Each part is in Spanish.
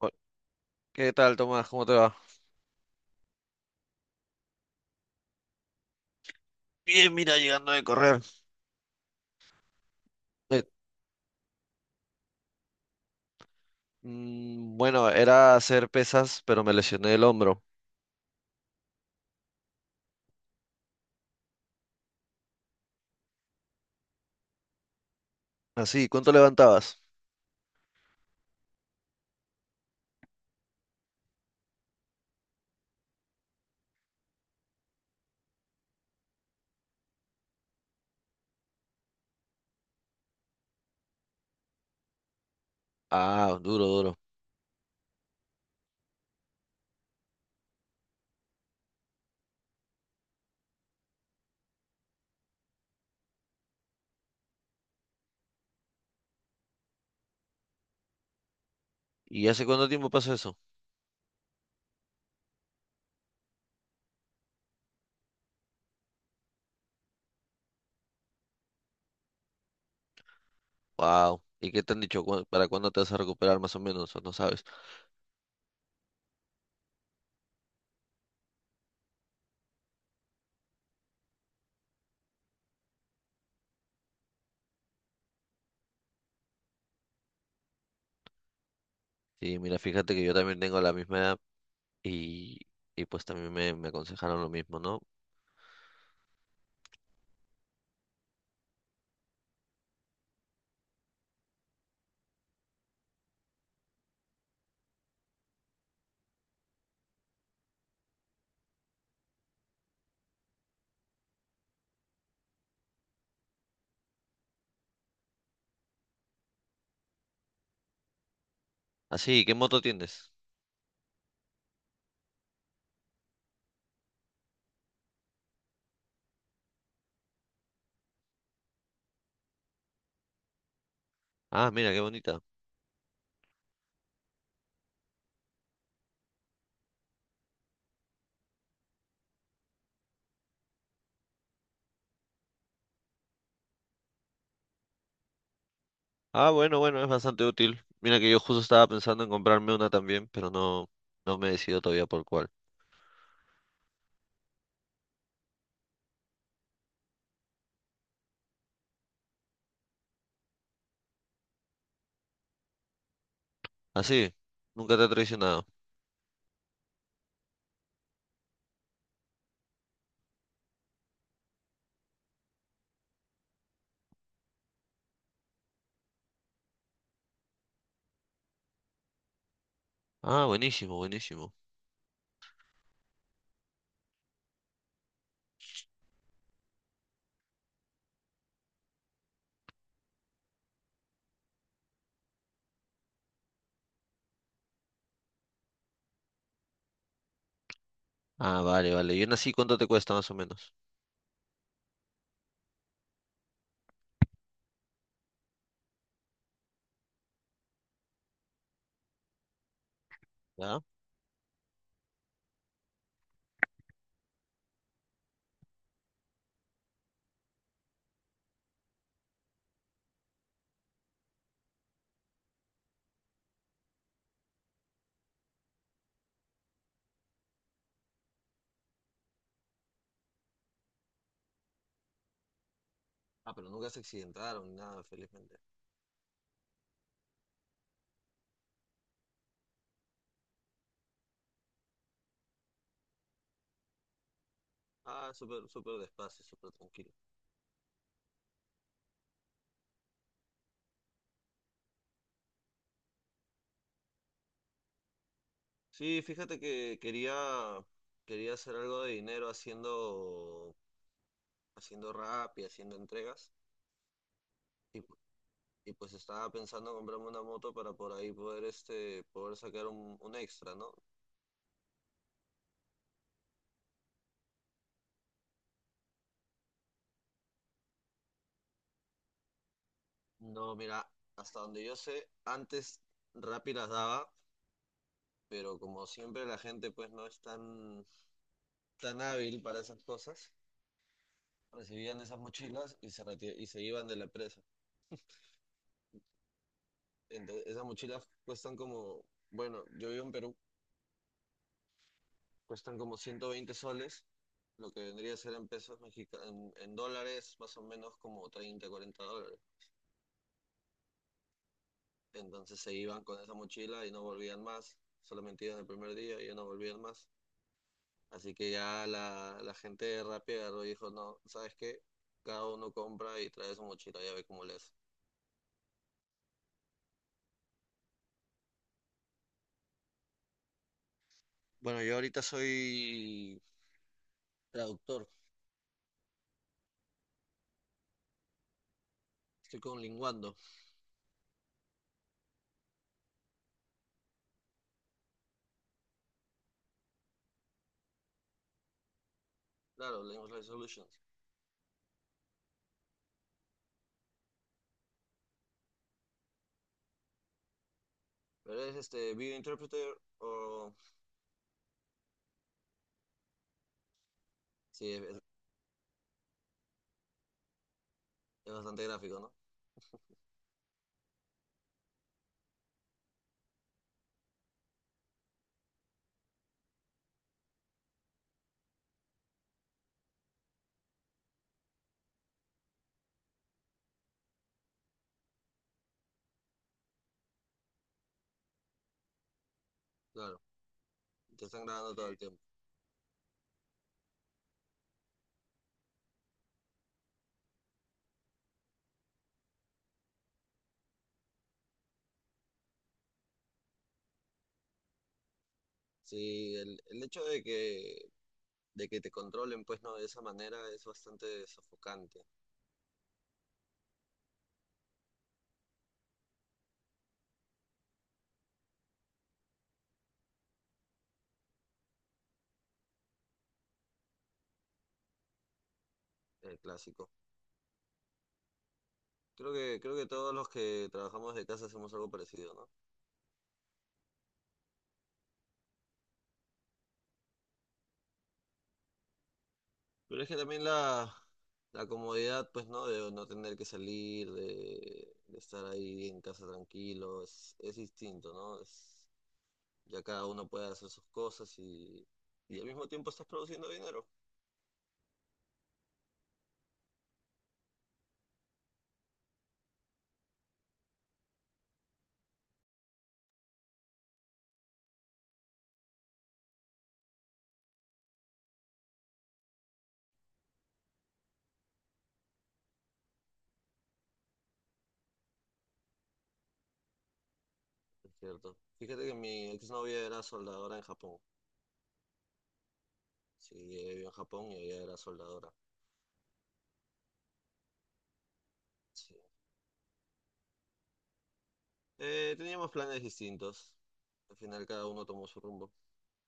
O- ¿Qué tal, Tomás? ¿Cómo te va? Bien, mira, llegando de correr. Eh, bueno, era hacer pesas, pero me lesioné el hombro. Así, ¿cuánto levantabas? Ah, duro, duro. ¿Y hace cuánto tiempo pasó eso? Wow. ¿Y qué te han dicho? ¿Para cuándo te vas a recuperar más o menos? ¿O no sabes? Sí, mira, fíjate que yo también tengo la misma edad y, y pues también me aconsejaron lo mismo, ¿no? Así, ¿qué moto tienes? Ah, mira, qué bonita. Ah, bueno, bueno, es bastante útil. Mira que yo justo estaba pensando en comprarme una también, pero no, no me he decidido todavía por cuál. Ah, sí, nunca te ha traicionado. Ah, buenísimo, buenísimo. Ah, vale, vale. ¿Y una así cuánto te cuesta más o menos? ¿Ya? Ah, pero nunca se accidentaron ni nada, felizmente. Ah, súper, súper despacio, súper tranquilo. Sí, fíjate que quería hacer algo de dinero haciendo rap y haciendo entregas. Y pues estaba pensando comprarme una moto para por ahí poder, este, poder sacar un extra, ¿no? No, mira, hasta donde yo sé, antes Rappi las daba, pero como siempre la gente pues no es tan hábil para esas cosas, recibían esas mochilas y se iban de la empresa. Entonces, esas mochilas cuestan como, bueno, yo vivo en Perú, cuestan como 120 soles, lo que vendría a ser en pesos mexicanos, en dólares más o menos como 30 40 dólares. Entonces se iban con esa mochila y no volvían más. Solamente iban el primer día y ya no volvían más. Así que ya la gente de Rappi agarró y dijo, no, ¿sabes qué? Cada uno compra y trae su mochila, ya ve cómo le hace. Bueno, yo ahorita soy traductor, estoy con Linguando, claro, Language Life Solutions. Pero es este video interpreter o... Sí, es bastante gráfico, ¿no? Claro, te están grabando todo el tiempo. Sí, el hecho de que, te controlen, pues no, de esa manera es bastante sofocante. El clásico. Creo que todos los que trabajamos de casa hacemos algo parecido, ¿no? Pero es que también la comodidad, pues, ¿no? De no tener que salir, de estar ahí en casa tranquilo, es distinto, ¿no? Ya cada uno puede hacer sus cosas y al mismo tiempo estás produciendo dinero, es cierto. Fíjate que mi exnovia era soldadora en Japón. Sí, ella vivió en Japón y ella era soldadora. Sí. Teníamos planes distintos. Al final cada uno tomó su rumbo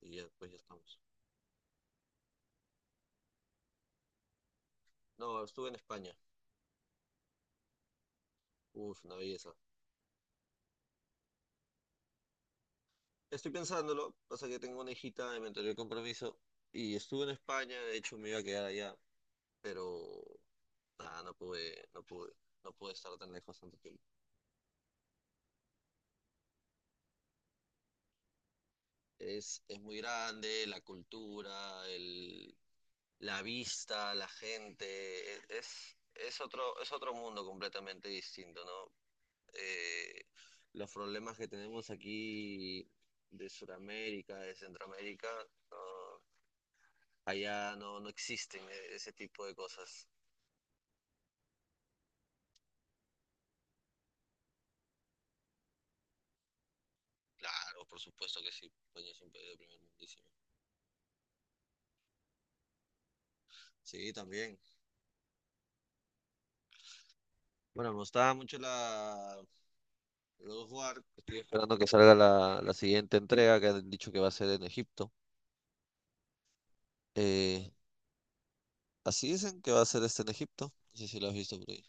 y ya, pues ya estamos. No, estuve en España. Uf, una belleza. Estoy pensándolo, pasa que tengo una hijita y me enteré el compromiso. Y estuve en España, de hecho me iba a quedar allá, pero nada, no pude estar tan lejos tanto tiempo. Es muy grande, la cultura, la vista, la gente, es otro mundo completamente distinto, ¿no? Eh, los problemas que tenemos aquí de Sudamérica, de Centroamérica, no, allá no, no existen ese tipo de cosas. Claro, por supuesto que sí. España es un país de primer mundísimo. Sí, también. Bueno, me gustaba mucho la God of War. Estoy esperando que salga la siguiente entrega que han dicho que va a ser en Egipto. Eh, así dicen que va a ser este en Egipto. No sé si lo has visto por ahí.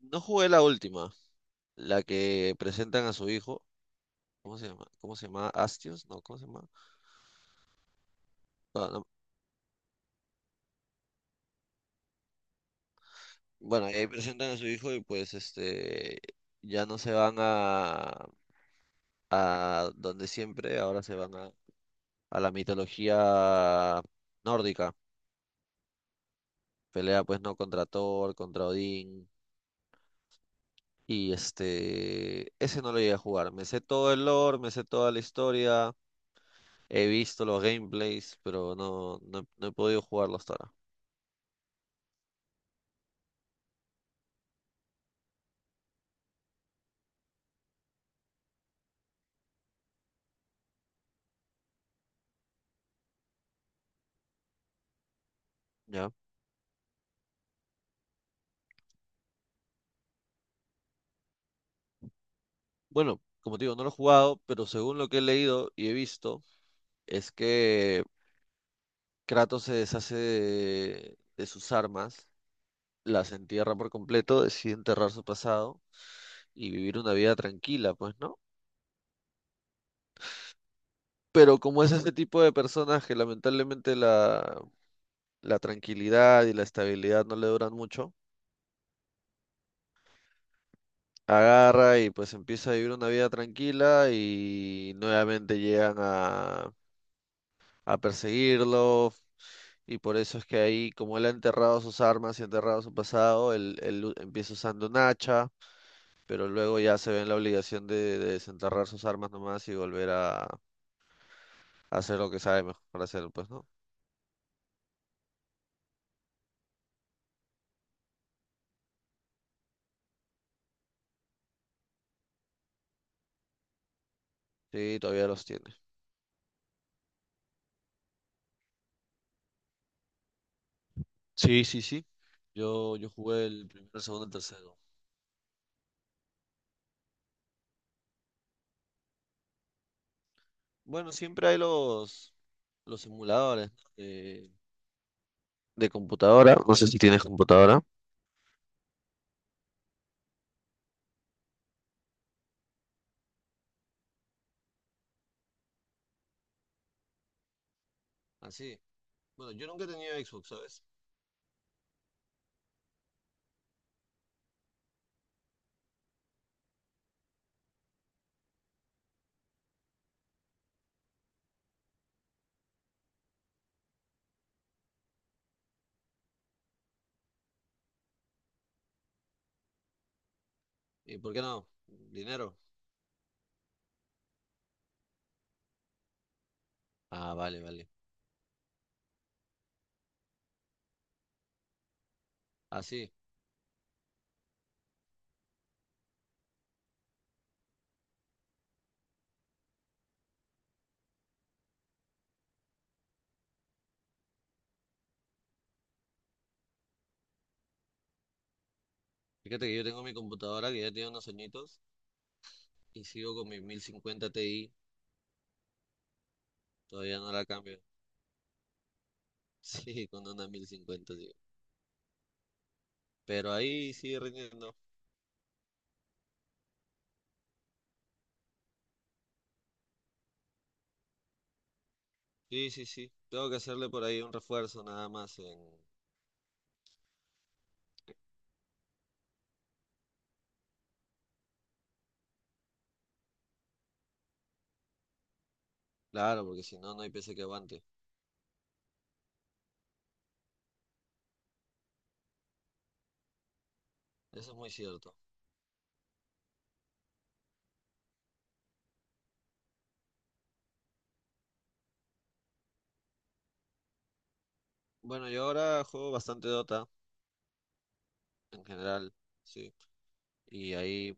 No jugué la última, la que presentan a su hijo. ¿Cómo se llama? ¿Cómo se llama? ¿Astios? No, ¿cómo se llama? Ah, no. Bueno, ahí presentan a su hijo y pues este ya no se van a donde siempre, ahora se van a la mitología nórdica. Pelea pues no contra Thor, contra Odín. Y este, ese no lo llegué a jugar. Me sé todo el lore, me sé toda la historia, he visto los gameplays, pero no he podido jugarlo hasta ahora. ¿Ya? Bueno, como te digo, no lo he jugado, pero según lo que he leído y he visto, es que Kratos se deshace de sus armas, las entierra por completo, decide enterrar su pasado y vivir una vida tranquila, pues, ¿no? Pero como es ese tipo de personas que lamentablemente la tranquilidad y la estabilidad no le duran mucho, agarra y pues empieza a vivir una vida tranquila y nuevamente llegan a perseguirlo. Y por eso es que ahí, como él ha enterrado sus armas y ha enterrado su pasado, él empieza usando un hacha, pero luego ya se ve en la obligación de desenterrar sus armas nomás y volver a hacer lo que sabe mejor hacer, pues, ¿no? Sí, todavía los tiene. Sí, sí, sí. Yo jugué el primero, el segundo, el tercero. Bueno, siempre hay los simuladores, ¿no?, de computadora. No sé si tienes computadora. Así. Bueno, yo nunca he tenido Xbox, ¿sabes? ¿Y por qué no? ¿Dinero? Ah, vale, vale. Así. Fíjate que yo tengo mi computadora que ya tiene unos añitos y sigo con mi 1050 Ti. Todavía no la cambio. Sí, con una 1050 digo. Pero ahí sigue rindiendo. Sí, sí, sí. Tengo que hacerle por ahí un refuerzo nada más en. Claro, porque si no, no hay PC que aguante. Eso es muy cierto. Bueno, yo ahora juego bastante Dota en general, sí. Y ahí,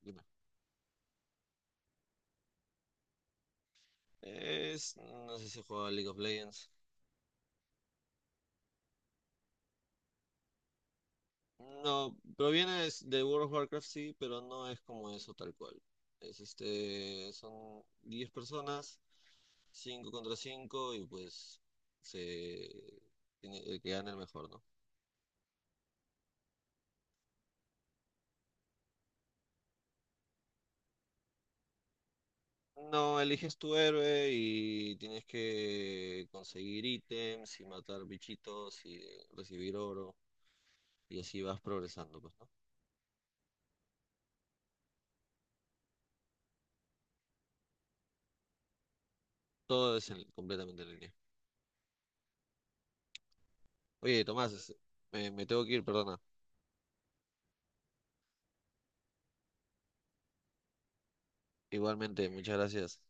dime. No sé si juega League of Legends. No, proviene es de World of Warcraft, sí, pero no es como eso tal cual. Es este, son 10 personas, 5 contra 5 y pues se el que gana el mejor, ¿no? No, eliges tu héroe y tienes que conseguir ítems y matar bichitos y recibir oro y así vas progresando, pues, ¿no? Todo es completamente en línea. Oye, Tomás, me tengo que ir, perdona. Igualmente, muchas gracias.